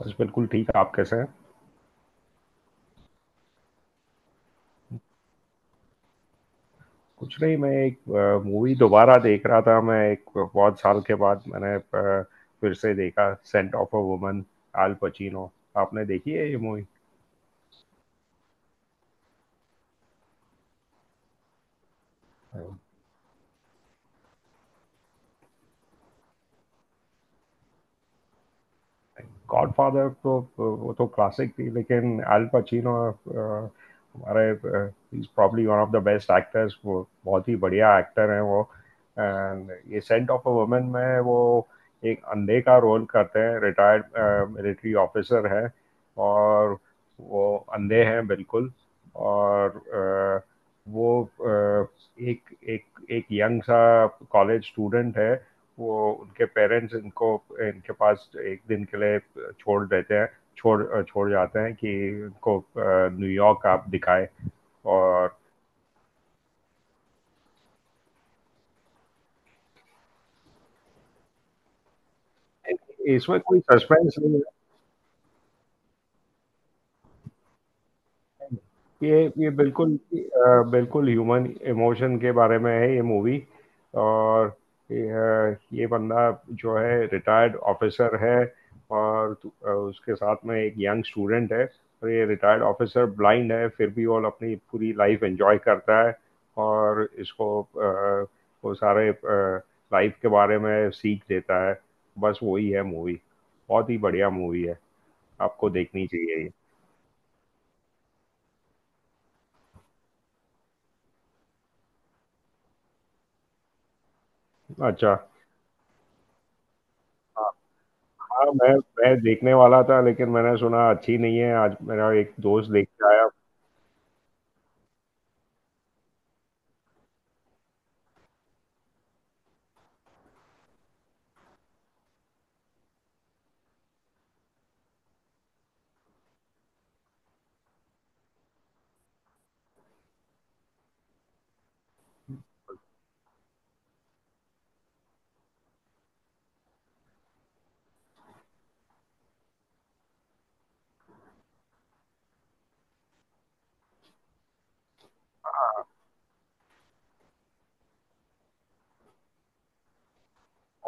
बस बिल्कुल ठीक। आप कैसे हैं? कुछ नहीं, मैं एक मूवी दोबारा देख रहा था। मैं एक बहुत साल के बाद मैंने फिर से देखा, scent of a woman, Al Pacino. आपने देखी है ये मूवी? गॉडफादर तो वो तो क्लासिक थी, लेकिन अल पचिनो हमारे is probably one of the best actors. वो बहुत ही बढ़िया एक्टर हैं वो। एंड ये सेंट ऑफ अ वुमन में वो एक अंधे का रोल करते हैं, रिटायर्ड मिलिट्री ऑफिसर है और वो अंधे हैं बिल्कुल। और वो एक एक एक यंग सा कॉलेज स्टूडेंट है। वो, उनके पेरेंट्स इनको, इनके पास एक दिन के लिए छोड़ देते हैं, छोड़ छोड़ जाते हैं कि उनको न्यूयॉर्क आप दिखाए। और, इसमें कोई सस्पेंस नहीं। ये बिल्कुल बिल्कुल ह्यूमन इमोशन के बारे में है ये मूवी। और ये बंदा जो है रिटायर्ड ऑफिसर है, और उसके साथ में एक यंग स्टूडेंट है। और ये रिटायर्ड ऑफिसर ब्लाइंड है, फिर भी वो अपनी पूरी लाइफ एंजॉय करता है, और इसको वो सारे लाइफ के बारे में सीख देता है। बस वही है मूवी। बहुत ही बढ़िया मूवी है। आपको देखनी चाहिए ये। अच्छा। हाँ, मैं देखने वाला था, लेकिन मैंने सुना अच्छी नहीं है। आज मेरा एक दोस्त देख के आया।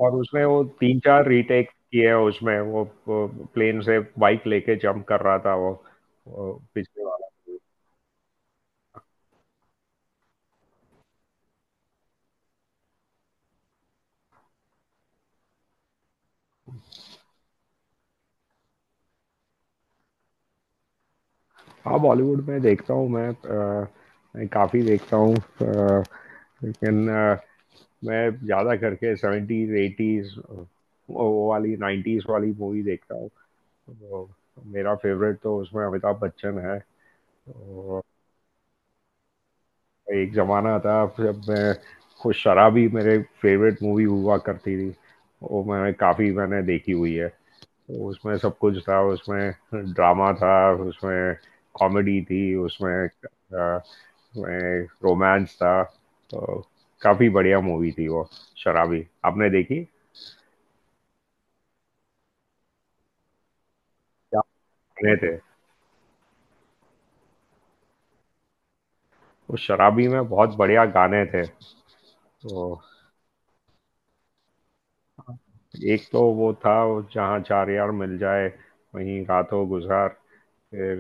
और उसने वो तीन चार रीटेक किए हैं उसमें, वो प्लेन से बाइक लेके जंप कर रहा था वो पिछले वाला। हाँ, बॉलीवुड में देखता हूँ मैं। मैं काफ़ी देखता हूँ, लेकिन मैं ज़्यादा करके सेवेंटीज एटीज वो वाली नाइन्टीज वाली मूवी देखता हूँ। तो मेरा फेवरेट तो उसमें अमिताभ बच्चन है। तो एक जमाना था जब मैं, खुद शराबी मेरे फेवरेट मूवी हुआ करती थी। वो मैंने काफी मैंने देखी हुई है। उसमें सब कुछ था। उसमें ड्रामा था, उसमें कॉमेडी थी, उसमें रोमांस था। तो काफी बढ़िया मूवी थी वो। शराबी आपने देखी? क्या गाने थे उस शराबी में! बहुत बढ़िया गाने थे। तो एक तो वो था, जहाँ चार यार मिल जाए, वहीं रातों गुजार। फिर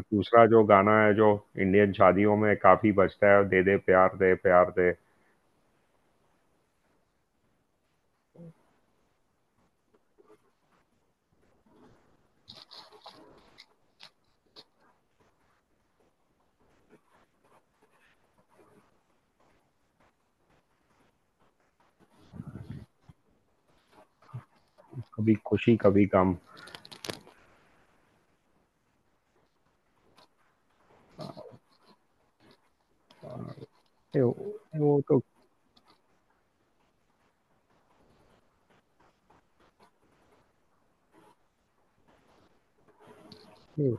दूसरा जो गाना है, जो इंडियन शादियों में काफी बजता है, दे दे प्यार दे, प्यार दे। कभी खुशी कभी गम। अ, वो वो तो, हम्म,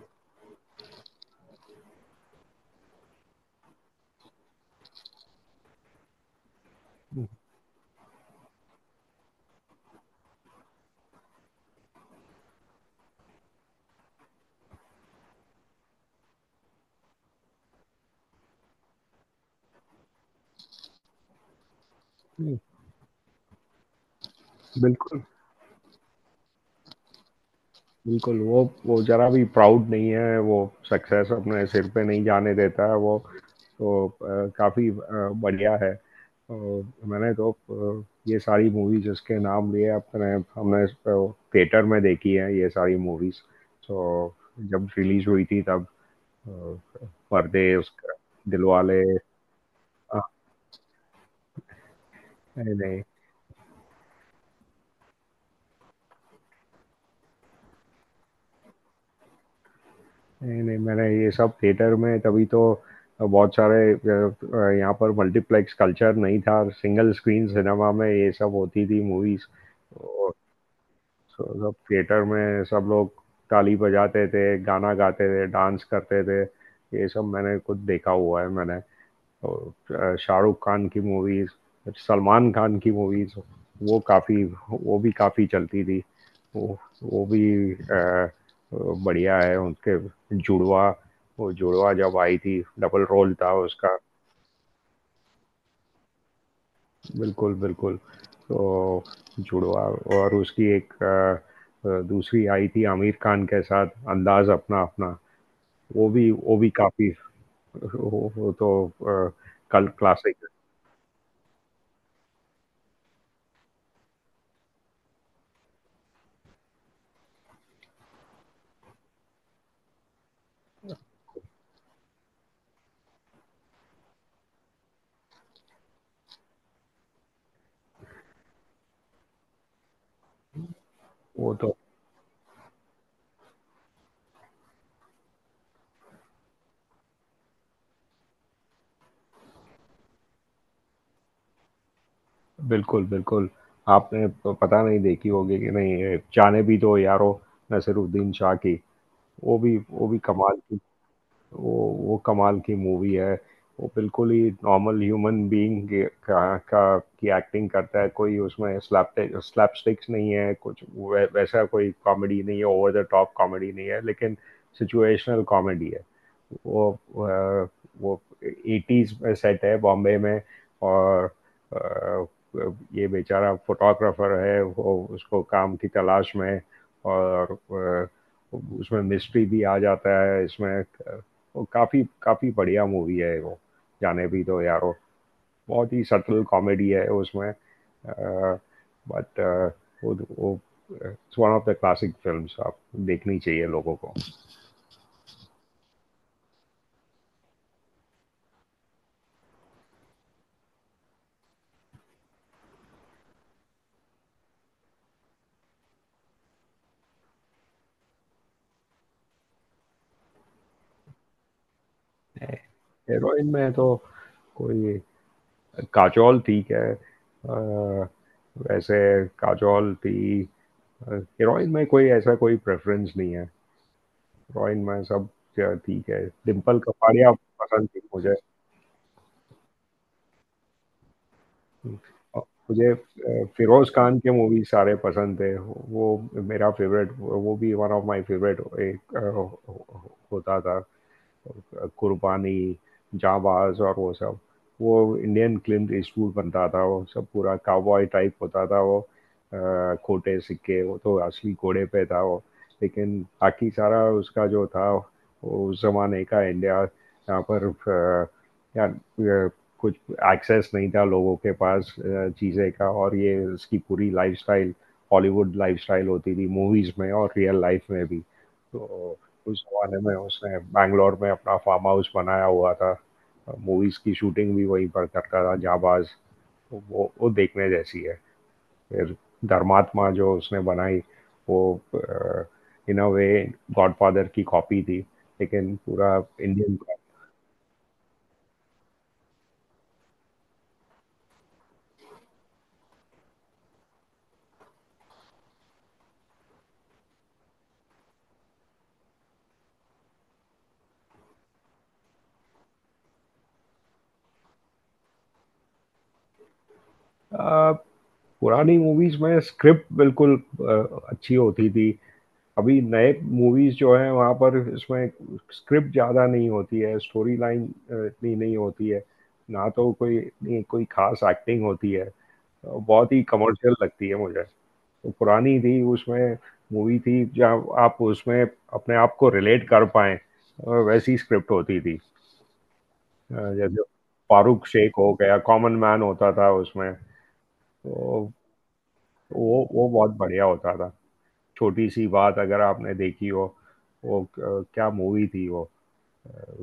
हम्म, बिल्कुल, बिल्कुल। वो जरा भी प्राउड नहीं है वो, सक्सेस अपने सिर पे नहीं जाने देता है वो। तो काफी बढ़िया है। मैंने तो ये सारी मूवीज जिसके नाम लिए अपने, हमने थिएटर में देखी है ये सारी मूवीज। तो जब रिलीज हुई थी तब, अ, पर्दे उसका, दिलवाले, अ, नहीं। नहीं, नहीं, मैंने ये सब थिएटर में, तभी तो। बहुत सारे, यहाँ पर मल्टीप्लेक्स कल्चर नहीं था, सिंगल स्क्रीन सिनेमा में ये सब होती थी मूवीज। और, तो सब थिएटर में सब लोग ताली बजाते थे, गाना गाते थे, डांस करते थे। ये सब मैंने खुद देखा हुआ है मैंने। और शाहरुख खान की मूवीज, सलमान खान की मूवीज, वो काफ़ी, वो भी काफ़ी चलती थी। वो भी आ, बढ़िया है उनके। जुड़वा, वो जुड़वा जब आई थी डबल रोल था उसका। बिल्कुल, बिल्कुल। तो जुड़वा, और उसकी एक दूसरी आई थी आमिर खान के साथ, अंदाज अपना अपना। वो भी काफ़ी, वो तो कल क्लासिक। वो तो बिल्कुल, बिल्कुल। आपने प पता नहीं देखी होगी कि नहीं, ये जाने भी दो यारो, नसीरुद्दीन शाह की, वो भी कमाल की, वो वो कमाल की मूवी है वो। बिल्कुल ही नॉर्मल ह्यूमन बीइंग का की एक्टिंग करता है। कोई उसमें स्लैपस्टिक्स नहीं है, कुछ वैसा कोई कॉमेडी नहीं है, ओवर द टॉप कॉमेडी नहीं है, लेकिन सिचुएशनल कॉमेडी है। वो अ, वो एटीज में सेट है, बॉम्बे में। और अ, ये बेचारा फोटोग्राफर है, वो उसको काम की तलाश में। और अ, उसमें मिस्ट्री भी आ जाता है इसमें। वो काफ़ी काफ़ी बढ़िया मूवी है वो, जाने भी दो यारो। बहुत ही सटल कॉमेडी है उसमें। बट वो वो it's one of the classic films. आप देखनी चाहिए लोगों को। हीरोइन में तो कोई, काजोल ठीक है, वैसे काजोल थी। हीरोइन में कोई ऐसा कोई प्रेफरेंस नहीं है, हीरोइन में सब ठीक है। डिम्पल कपाड़िया पसंद थी मुझे। मुझे फिरोज खान के मूवी सारे पसंद थे वो, मेरा फेवरेट, वो भी वन ऑफ माय फेवरेट। एक होता था कुर्बानी, जाबाज और वो सब। वो इंडियन क्लिंट ईस्टवुड बनता था, वो सब पूरा काउबॉय टाइप होता था वो, खोटे सिक्के, वो तो असली घोड़े पे था वो। लेकिन बाकी सारा उसका जो था वो उस जमाने का इंडिया यहाँ पर, या अ, कुछ एक्सेस नहीं था लोगों के पास चीज़ें का, और ये इसकी पूरी लाइफस्टाइल हॉलीवुड लाइफस्टाइल होती थी मूवीज़ में और रियल लाइफ में भी तो। उस जमाने में उसने बैंगलोर में अपना फार्म हाउस बनाया हुआ था, मूवीज की शूटिंग भी वहीं पर करता था जाबाज। तो वो देखने जैसी है। फिर धर्मात्मा जो उसने बनाई, वो इन अ वे गॉडफादर की कॉपी थी, लेकिन पूरा इंडियन। पुरानी मूवीज में स्क्रिप्ट बिल्कुल अच्छी होती थी। अभी नए मूवीज जो है वहाँ पर इसमें स्क्रिप्ट ज़्यादा नहीं होती है, स्टोरी लाइन इतनी नहीं होती है, ना तो कोई इतनी कोई खास एक्टिंग होती है। बहुत ही कमर्शियल लगती है मुझे। तो पुरानी थी उसमें, मूवी थी जहाँ आप उसमें अपने आप को रिलेट कर पाए, वैसी स्क्रिप्ट होती थी। जैसे फारूक शेख हो गया, कॉमन मैन होता था उसमें। तो वो बहुत बढ़िया होता था। छोटी सी बात अगर आपने देखी हो, वो क्या मूवी थी वो,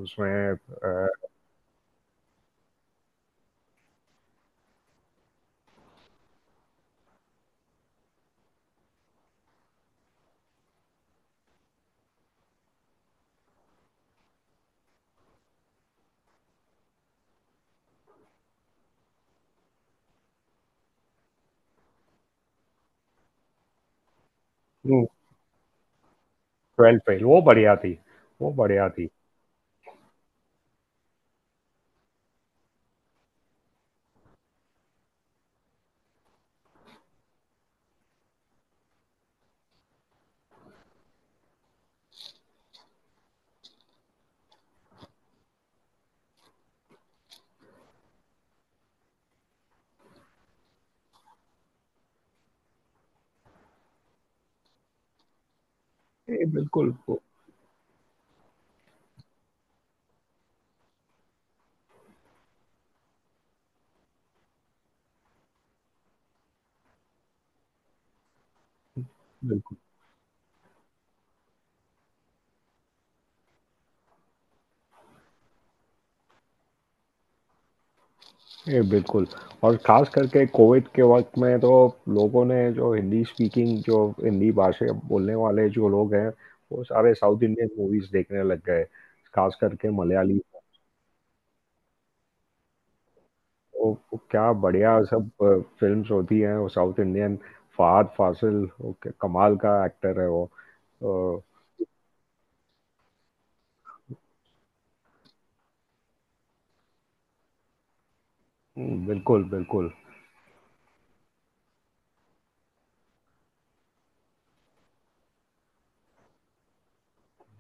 उसमें, ट्वेल्थ फेल, वो बढ़िया थी, वो बढ़िया थी। ये बिल्कुल, बिल्कुल। ये बिल्कुल। और खास करके कोविड के वक्त में तो लोगों ने, जो हिंदी स्पीकिंग, जो हिंदी भाषा बोलने वाले जो लोग हैं, वो सारे साउथ इंडियन मूवीज देखने लग गए, खास करके मलयाली। वो क्या बढ़िया सब फिल्म्स होती हैं वो साउथ इंडियन। फहद फासिल, वो क्या कमाल का एक्टर है वो। अ, बिल्कुल, बिल्कुल।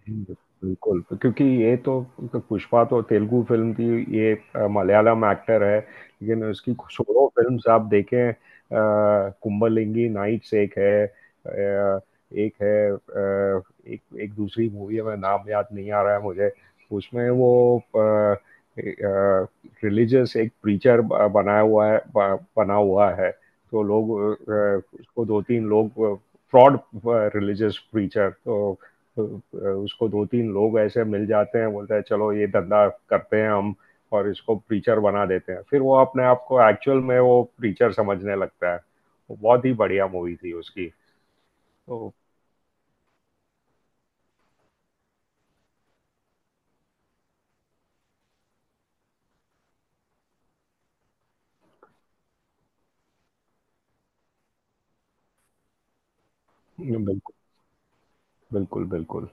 हिंदी, बिल्कुल, क्योंकि ये तो, पुष्पा तो तेलुगु फिल्म थी, ये मलयालम एक्टर है, लेकिन उसकी सोलो फिल्म्स आप देखें। कुंबलिंगी नाइट्स एक है, एक है, एक, एक दूसरी मूवी है, मैं नाम याद नहीं आ रहा है मुझे। उसमें वो रिलीजियस एक प्रीचर बनाया हुआ है, बना हुआ है। तो लोग, उसको दो तीन लोग फ्रॉड रिलीजियस प्रीचर, तो उसको दो तीन लोग ऐसे मिल जाते हैं, बोलते हैं चलो ये धंधा करते हैं हम, और इसको प्रीचर बना देते हैं। फिर वो अपने आप को एक्चुअल में वो प्रीचर समझने लगता है। बहुत ही बढ़िया मूवी थी उसकी। तो बिल्कुल, बिल्कुल, बिल्कुल।